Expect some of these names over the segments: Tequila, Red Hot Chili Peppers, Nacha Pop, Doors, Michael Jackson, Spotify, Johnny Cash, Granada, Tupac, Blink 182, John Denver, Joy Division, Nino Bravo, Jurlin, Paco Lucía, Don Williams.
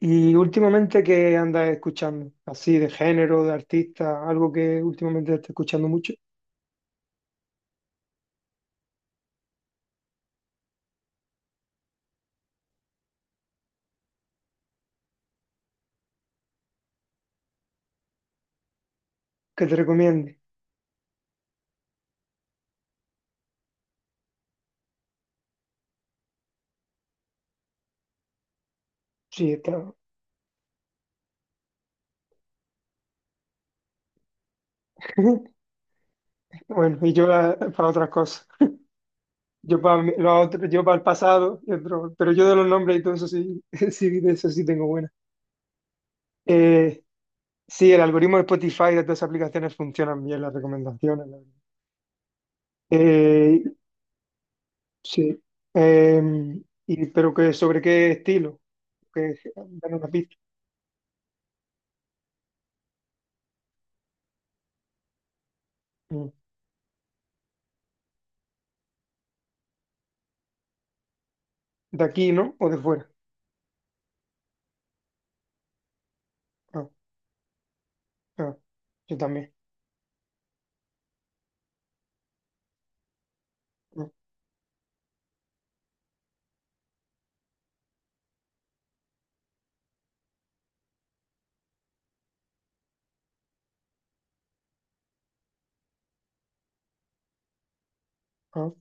¿Y últimamente qué andas escuchando? Así de género, de artista, algo que últimamente esté escuchando mucho, que te recomiende. Sí, está. Bueno, y yo la- para otras cosas. Yo para mi- lo otro- yo para el pasado, y otro- pero yo de los nombres y todo eso sí, sí, de eso sí tengo buena. Eh, sí, el algoritmo de Spotify y de todas esas aplicaciones funcionan bien, las recomendaciones. La verdad. Eh, sí. Eh, y, pero que, ¿sobre qué estilo? Que, dame una pista. Mm. ¿De aquí, no? ¿O de fuera? Ah, ah, yo también. Ah, ah,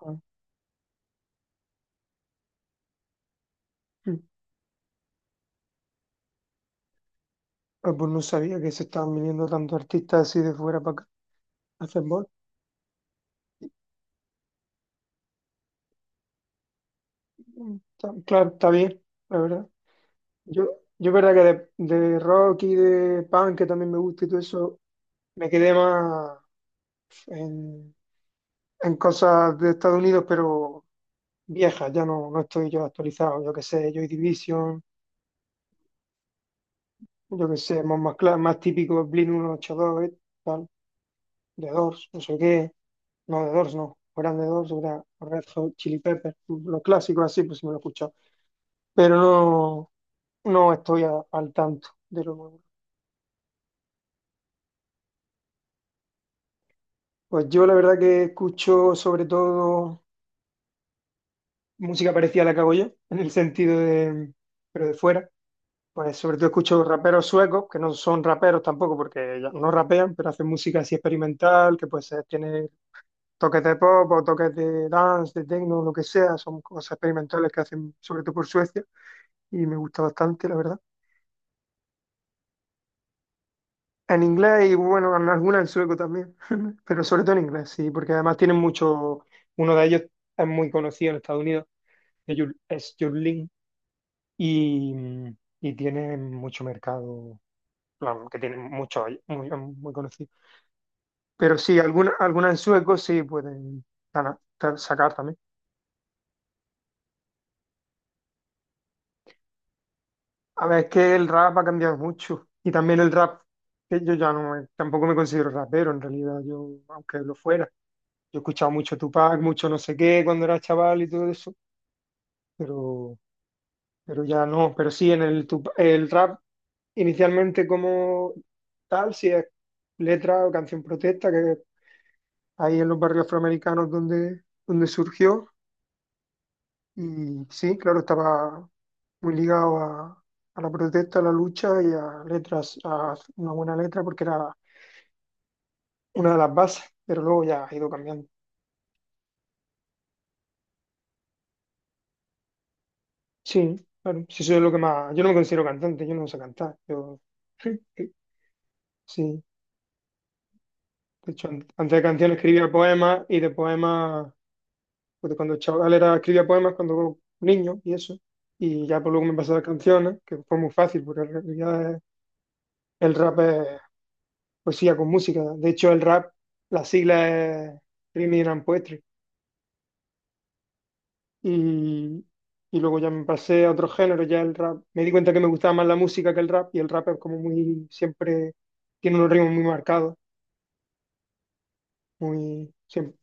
ah, mm. Ah, pues no sabía que se estaban viniendo tantos artistas así de fuera para acá a hacer bol. Mm, está- Claro, está bien, la verdad. Yo, yo verdad que de rock y de punk, que también me gusta y todo eso, me quedé más en, en cosas de Estados Unidos, pero viejas, ya no, no estoy yo actualizado. Yo qué sé, Joy Division, yo qué sé, más, cla- más típico, Blink 182, tal. De Doors, no sé qué, no, de Doors no, fueran de Doors, era Red Hot Chili Peppers, los clásicos así, pues sí me lo he escuchado, pero no, no estoy a- al tanto de lo nuevo. Pues yo la verdad que escucho sobre todo música parecida a la que hago yo, en el sentido de, pero de fuera. Pues sobre todo escucho raperos suecos, que no son raperos tampoco porque ya no rapean, pero hacen música así experimental, que pues tiene toques de pop o toques de dance, de techno, lo que sea, son cosas experimentales que hacen sobre todo por Suecia y me gusta bastante, la verdad. En inglés y bueno, en algunas en sueco también, pero sobre todo en inglés, sí, porque además tienen mucho, uno de ellos es muy conocido en Estados Unidos, que Jul- es Jurlin y, y tiene mucho mercado, vamos, que tiene mucho, muy conocido. Pero sí, alguna algunas en sueco sí pueden ganar- sacar también. A ver, es que el rap ha cambiado mucho. Y también el rap, que yo ya no, me- tampoco me considero rapero en realidad, yo, aunque lo fuera. Yo he escuchado mucho Tupac, mucho no sé qué cuando era chaval y todo eso, pero, ya no. Pero sí, en el, Tup- el rap, inicialmente como tal, si es letra o canción protesta, que ahí en los barrios afroamericanos donde, surgió. Y sí, claro, estaba muy ligado a la protesta, a la lucha y a letras, a una buena letra, porque era una de las bases, pero luego ya ha ido cambiando. Sí, claro, sí, soy lo que más. Yo no me considero cantante, yo no sé cantar. Yo, sí, sí, sí. De hecho, an- antes de canción escribía poemas y de poemas, pues cuando chaval era, escribía poemas cuando niño y eso. Y ya por luego me pasé a las canciones, que fue muy fácil, porque en realidad es- el rap es. Poesía con música. De hecho, el rap, la sigla es Rhyming and Poetry. Y, y luego ya me pasé a otro género, ya el rap. Me di cuenta que me gustaba más la música que el rap y el rap es como muy, siempre tiene unos ritmos muy marcados, muy, siempre,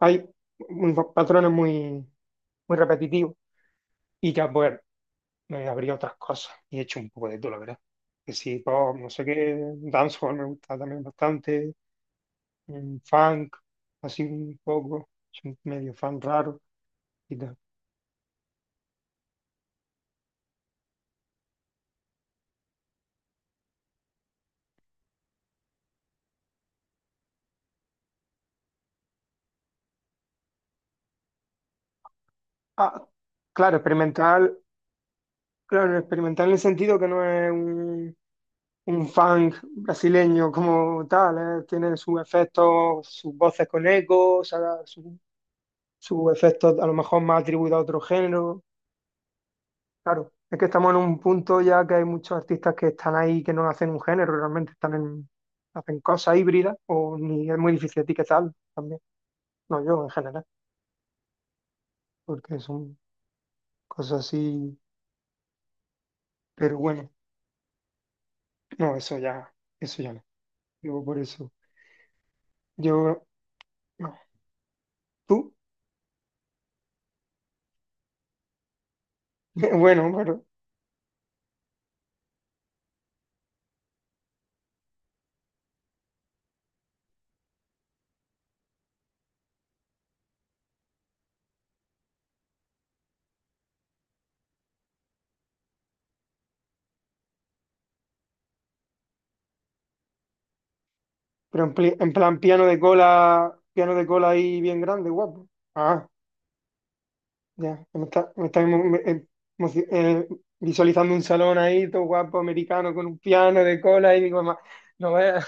hay unos patrones muy, repetitivos. Y ya, pues, me abrí a otras cosas y he hecho un poco de todo, la verdad. Que sí, pop, no sé qué, dancehall me gusta también bastante, mm, funk, así un poco, soy medio fan raro. Ah, claro, experimental, claro, experimental en el sentido que no es un funk brasileño como tal, ¿eh? Tiene sus efectos, sus voces con eco, o sea, su- sus efectos a lo mejor más atribuidos a otro género. Claro, es que estamos en un punto ya que hay muchos artistas que están ahí que no hacen un género, realmente están en, hacen cosas híbridas, o ni es muy difícil etiquetar también, no yo en general, porque son cosas así, pero bueno, no, eso ya, no. Digo por eso. Yo, no. Tú, bueno, pero, en, pli- en plan piano de cola ahí bien grande, guapo. Ah, ya, me está emo- me- emoci- visualizando un salón ahí, todo guapo, americano, con un piano de cola y digo, "Ma- no veas.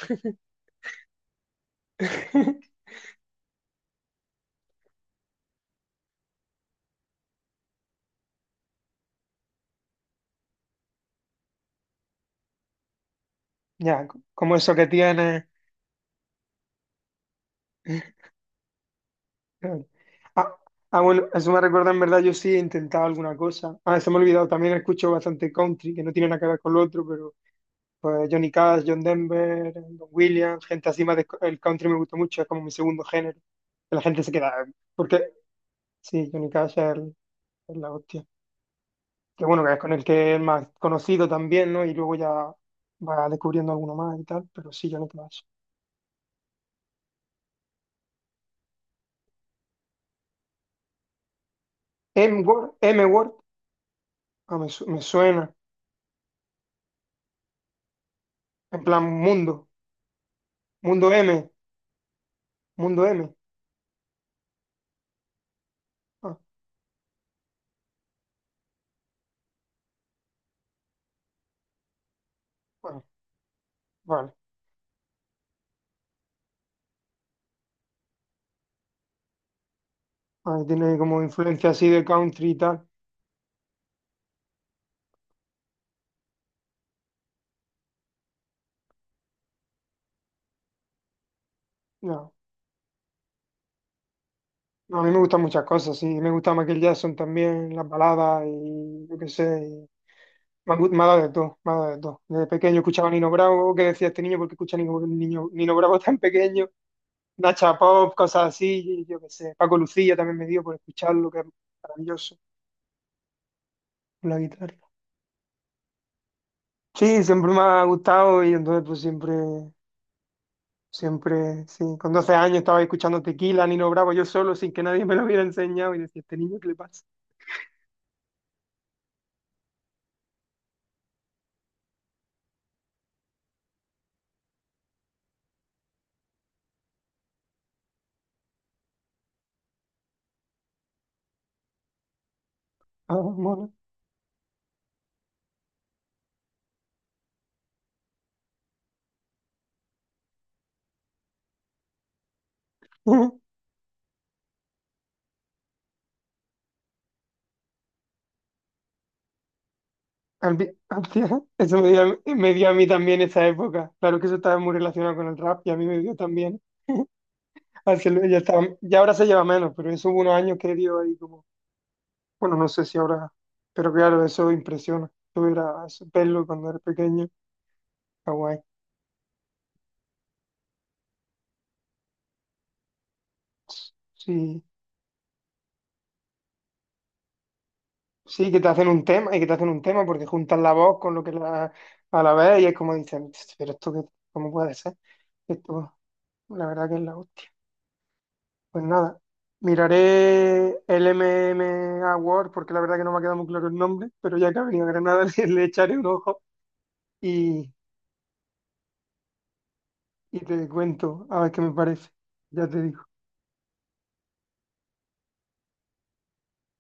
Ya, co- como eso que tiene. Ah, ah, bueno, eso me recuerda, en verdad, yo sí he intentado alguna cosa. Ah, se me ha olvidado, también escucho bastante country, que no tiene nada que ver con lo otro. Pues Johnny Cash, John Denver, Don Williams, gente así más de- el country me gustó mucho, es como mi segundo género. Que la gente se queda, porque sí, Johnny Cash es, el- es la hostia. Que bueno, que es con el que es más conocido también, ¿no? Y luego ya va descubriendo alguno más y tal, pero sí, Johnny Cash. M Word, M Word, ah, me, su- me suena, en plan mundo, mundo M, mundo M. Ah, bueno, vale. Ah, tiene como influencia así de country y tal. No. No, a mí me gustan muchas cosas, sí. Me gusta Michael Jackson también, las baladas y yo qué sé. Y han gu- me ha dado de todo, me ha dado de todo. Desde pequeño escuchaba Nino Bravo, que decía este niño porque escucha Nino, niño- Nino Bravo tan pequeño, Nacha Pop, cosas así, y yo qué sé. Paco Lucía también me dio por escucharlo, que es maravilloso, con la guitarra. Sí, siempre me ha gustado y entonces pues siempre, siempre, sí. Con 12 años estaba escuchando Tequila, Nino Bravo, yo solo, sin que nadie me lo hubiera enseñado y decía, ¿este niño qué le pasa? Ah, mola. Al vi- hostia, eso me dio, a mí me dio a mí también esa época. Claro que eso estaba muy relacionado con el rap y a mí me dio también. Así lo- ya estaba, ya ahora se lleva menos, pero eso hubo unos años que dio ahí como, bueno, no sé si ahora, pero claro, eso impresiona. Yo era eso, verlo cuando era pequeño, está guay. Sí, sí, que te hacen un tema y que te hacen un tema porque juntan la voz con lo que la, a la vez y es como dicen, pero esto que, ¿cómo puede ser? Esto, la verdad que es la hostia. Pues nada, miraré el M MMA Award porque la verdad que no me ha quedado muy claro el nombre, pero ya que ha venido a Granada le echaré un ojo y, y te cuento a ver qué me parece. Ya te digo.